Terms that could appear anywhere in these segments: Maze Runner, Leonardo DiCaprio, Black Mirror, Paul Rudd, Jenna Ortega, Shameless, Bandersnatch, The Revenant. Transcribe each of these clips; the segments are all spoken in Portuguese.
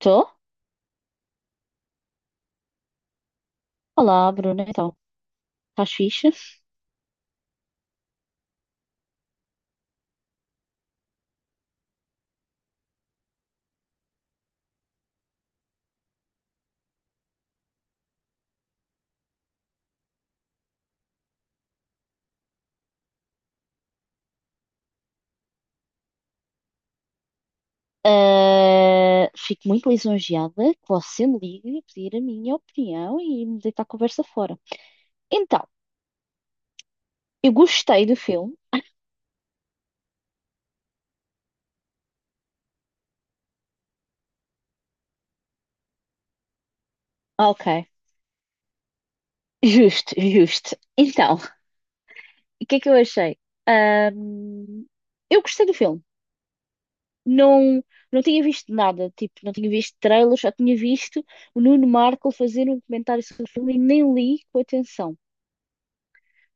Estou? Olá, Bruna, então, estás fixe? Ah, fico muito lisonjeada que você me ligue e pedir a minha opinião e me deitar a conversa fora. Então, eu gostei do filme. Ah, ok, justo, justo. Então, o que é que eu achei? Ahm, eu gostei do filme. Não, não tinha visto nada, tipo, não tinha visto trailers, só tinha visto o Nuno Marco fazer um comentário sobre o filme e nem li com atenção.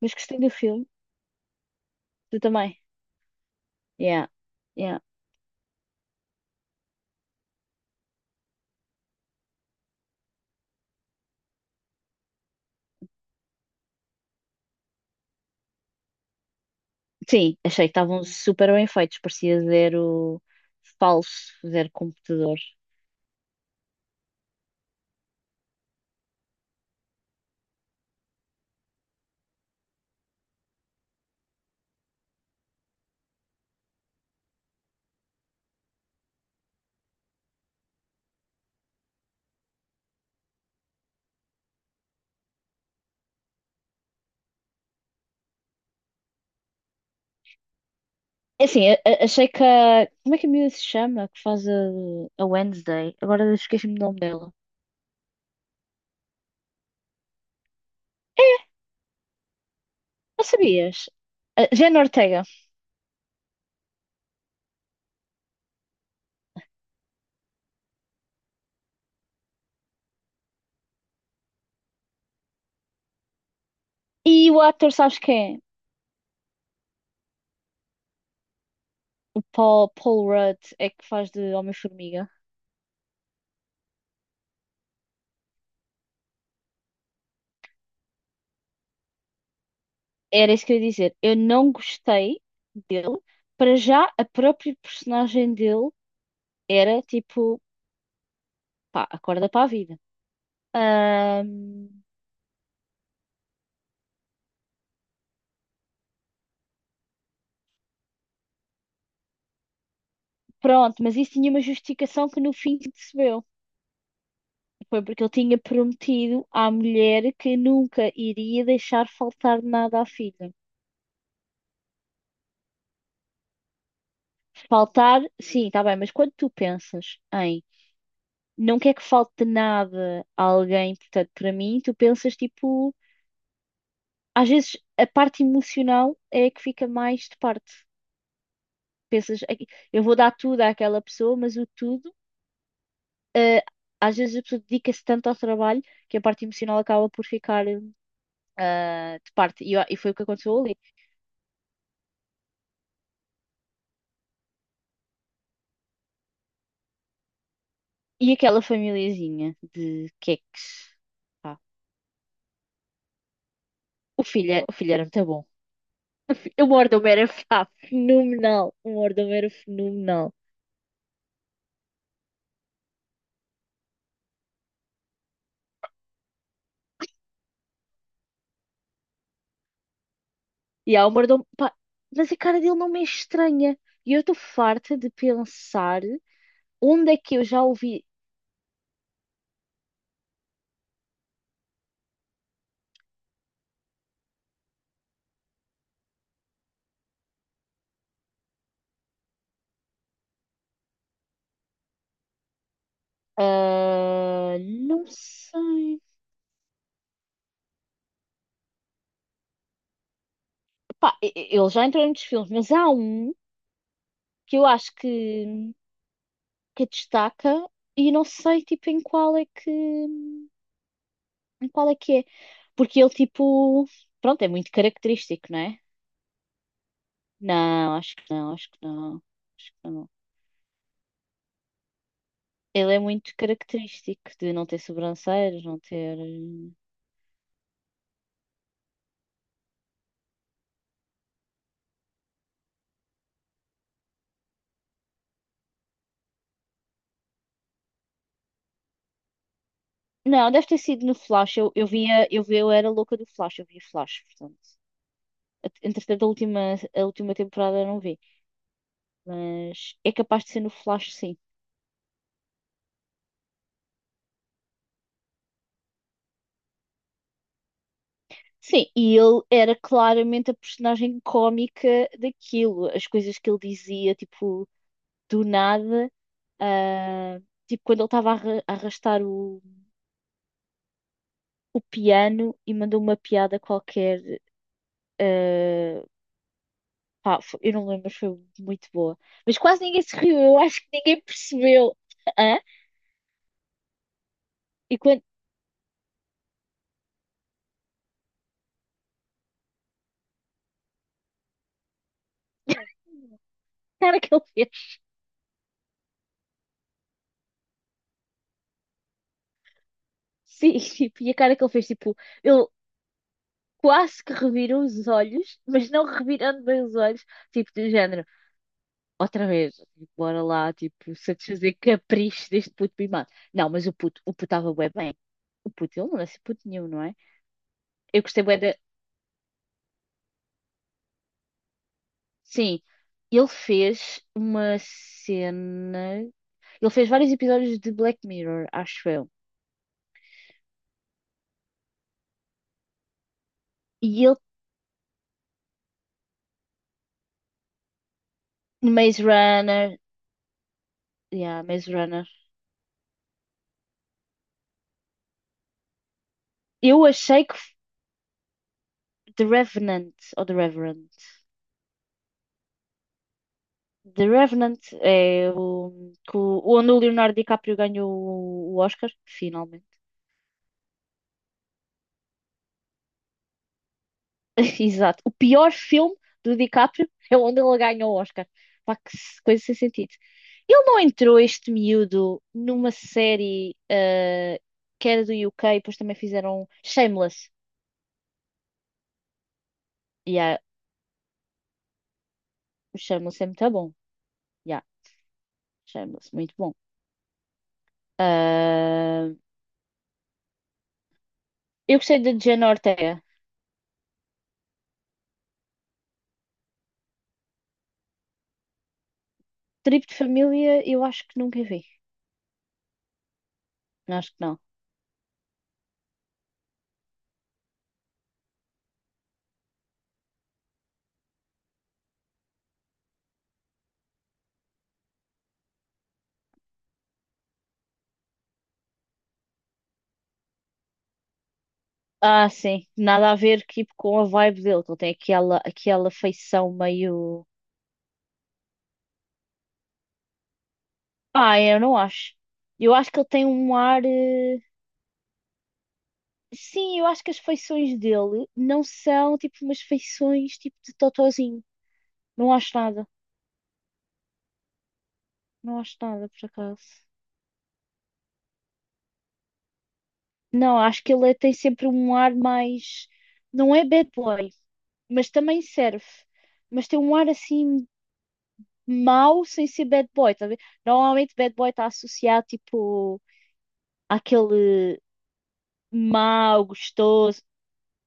Mas gostei do filme, tu também. Yeah, yeah. Sim, achei que estavam super bem feitos, parecia zero falso, zero computador. É assim, achei que a. Como é que a miúda se chama? Que faz a Wednesday? Agora esqueci-me do nome dela. Não sabias? A Jenna Ortega. E o ator, sabes quem é? O Paul Rudd é que faz de Homem-Formiga. Era isso que eu ia dizer. Eu não gostei dele. Para já, a própria personagem dele era tipo, pá, acorda para a vida. Pronto, mas isso tinha uma justificação que no fim se percebeu. Foi porque ele tinha prometido à mulher que nunca iria deixar faltar nada à filha. Faltar, sim, está bem, mas quando tu pensas em não quer que falte nada a alguém, portanto, para mim, tu pensas tipo, às vezes a parte emocional é a que fica mais de parte. Pensas, "Ai, eu vou dar tudo àquela pessoa, mas o tudo, eh, às vezes a pessoa dedica-se tanto ao trabalho que a parte emocional acaba por ficar, de parte. E foi o que aconteceu ali. E aquela famíliazinha de queques. Pá, o filho, o filho era muito bom. O mordomo era pá, fenomenal. O mordomo era fenomenal. E há o mordomo. Pá, mas a cara dele não me é estranha. E eu estou farta de pensar onde é que eu já ouvi. Ah, não sei. Pá, ele já entrou em muitos filmes, mas há um que eu acho que destaca e não sei tipo em qual é que. Qual é que é? Porque ele, tipo, pronto, é muito característico, não é? Não, acho que não. Ele é muito característico de não ter sobrancelhas, não ter. Não, deve ter sido no Flash. Eu via, eu via, eu era louca do Flash, eu via Flash, portanto. Entretanto, a última temporada eu não vi, mas é capaz de ser no Flash, sim. Sim, e ele era claramente a personagem cómica daquilo. As coisas que ele dizia, tipo, do nada, ah, tipo quando ele estava a a arrastar o piano e mandou uma piada qualquer. ah, Pá, eu não lembro, mas foi muito boa. Mas quase ninguém se riu, eu acho que ninguém percebeu. Hã? E quando A cara que ele fez, sim, tipo, e a cara que ele fez, tipo, ele quase que revirou os olhos, mas não revirando bem os olhos, tipo, do género. Outra vez, tipo, bora lá, tipo, satisfazer capricho deste puto mimado. Não, mas o puto estava bué bem. O puto, ele não nasce puto nenhum, não é? Eu gostei bué da. Sim, ele fez uma cena. Ele fez vários episódios de Black Mirror, acho eu. E ele, Maze Runner. Yeah, Maze Runner. Eu achei que f- The Revenant, ou The Reverend. The Revenant é o, que onde o Leonardo DiCaprio ganhou o Oscar, finalmente. Exato. O pior filme do DiCaprio é onde ele ganha o Oscar. Pá, que coisa sem sentido. Ele não entrou, este miúdo, numa série que era do UK depois também fizeram Shameless. Yeah, o Shameless é muito bom. Yeah, Shameless, muito bom. Ah, eu gostei de Jenna Ortega. Tribo de Família, eu acho que nunca vi. Acho que não. Ah, sim. Nada a ver tipo, com a vibe dele. Ele tem aquela, aquela feição meio. Ah, é, eu não acho. Eu acho que ele tem um ar. Sim, eu acho que as feições dele não são tipo umas feições tipo de totozinho. Não acho nada. Não acho nada, por acaso. Não, acho que ele tem sempre um ar mais. Não é bad boy, mas também serve. Mas tem um ar assim mau sem ser bad boy, tá a ver? Normalmente bad boy está associado tipo àquele mau, gostoso.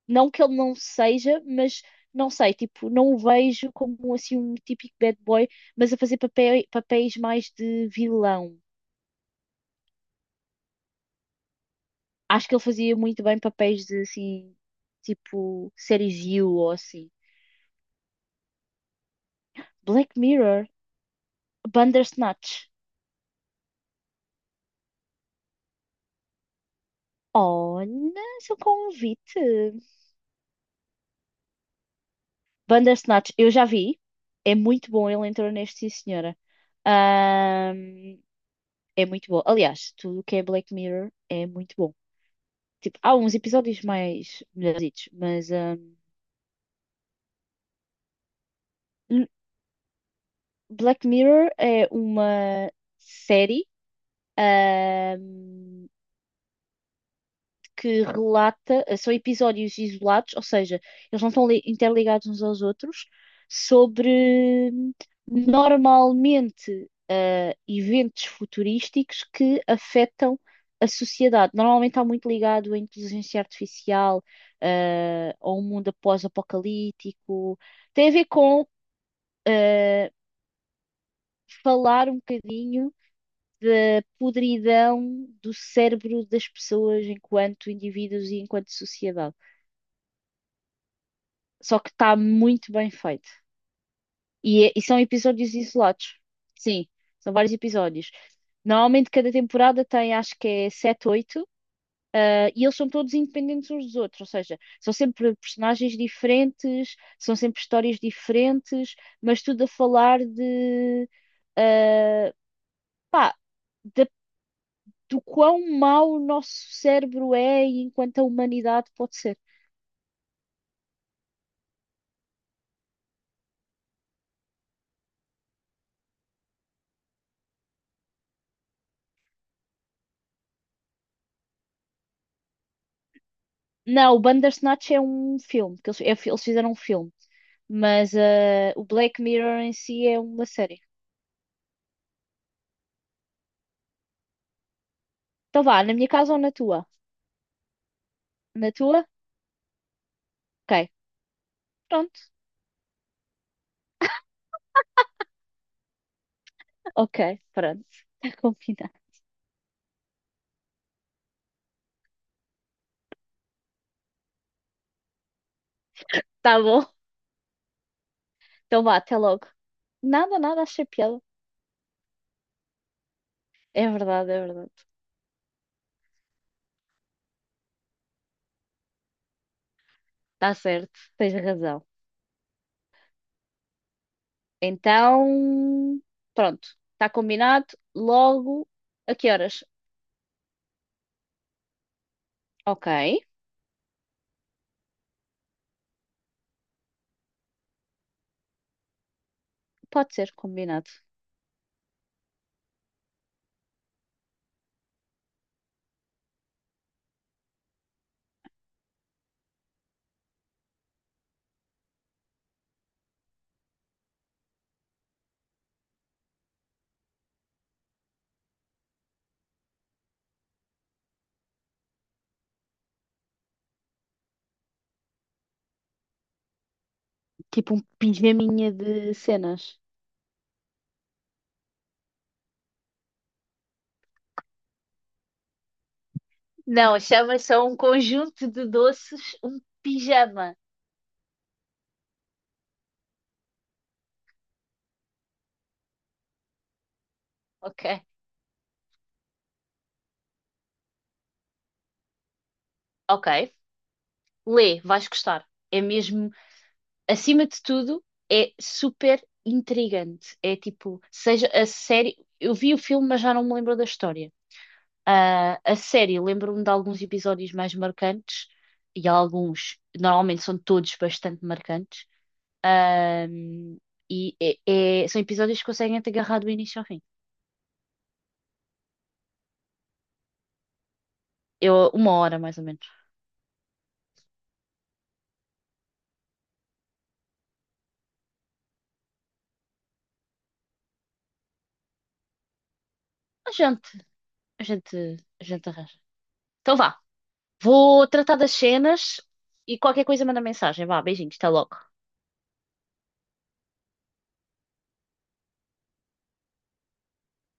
Não que ele não seja, mas não sei, tipo, não o vejo como assim um típico bad boy, mas a fazer papéis, papéis mais de vilão. Acho que ele fazia muito bem papéis de assim, tipo, séries You ou assim. Black Mirror, Bandersnatch. Olha, seu convite. Bandersnatch, eu já vi. É muito bom, ele entrou neste, sim, senhora. Ahm, É muito bom. Aliás, tudo o que é Black Mirror é muito bom. Tipo, há uns episódios mais melhorzitos, mas L- Black Mirror é uma série hum, que relata, são episódios isolados, ou seja, eles não estão interligados uns aos outros, sobre normalmente eventos futurísticos que afetam a sociedade. Normalmente está muito ligado à inteligência artificial, ao mundo pós-apocalíptico. Tem a ver com eh, falar um bocadinho da podridão do cérebro das pessoas enquanto indivíduos e enquanto sociedade. Só que está muito bem feito. E são episódios isolados. Sim, são vários episódios. Normalmente cada temporada tem, acho que é 7 8 e eles são todos independentes uns dos outros, ou seja, são sempre personagens diferentes, são sempre histórias diferentes, mas tudo a falar de, ah, da do quão mau o nosso cérebro é e enquanto a humanidade pode ser. Não, o Bandersnatch é um filme, que eles, eles fizeram um filme, mas o Black Mirror em si é uma série. Então vá, na minha casa ou na tua? Na tua? Ok, pronto. Ok, pronto. Está combinado. Tá bom. Então vá, até logo. Nada, nada, achei piada. É verdade, é verdade. Está certo, tens razão. Então, pronto. Está combinado. Logo, a que horas? Ok. Pode ser, combinado. Tipo um pijaminha de cenas. Não, chama só um conjunto de doces, um pijama. Ok. Ok. Lê, vais gostar. É mesmo, acima de tudo, é super intrigante. É tipo, seja a série. Eu vi o filme, mas já não me lembro da história. Ah, a série, lembro-me de alguns episódios mais marcantes, e há alguns, normalmente são todos bastante marcantes. Ahm, e é- é- são episódios que conseguem te agarrar do início ao fim. Eu, uma hora, mais ou menos. A gente, a gente arranja. Então vá. Vou tratar das cenas e qualquer coisa manda mensagem. Vá, beijinhos, até logo.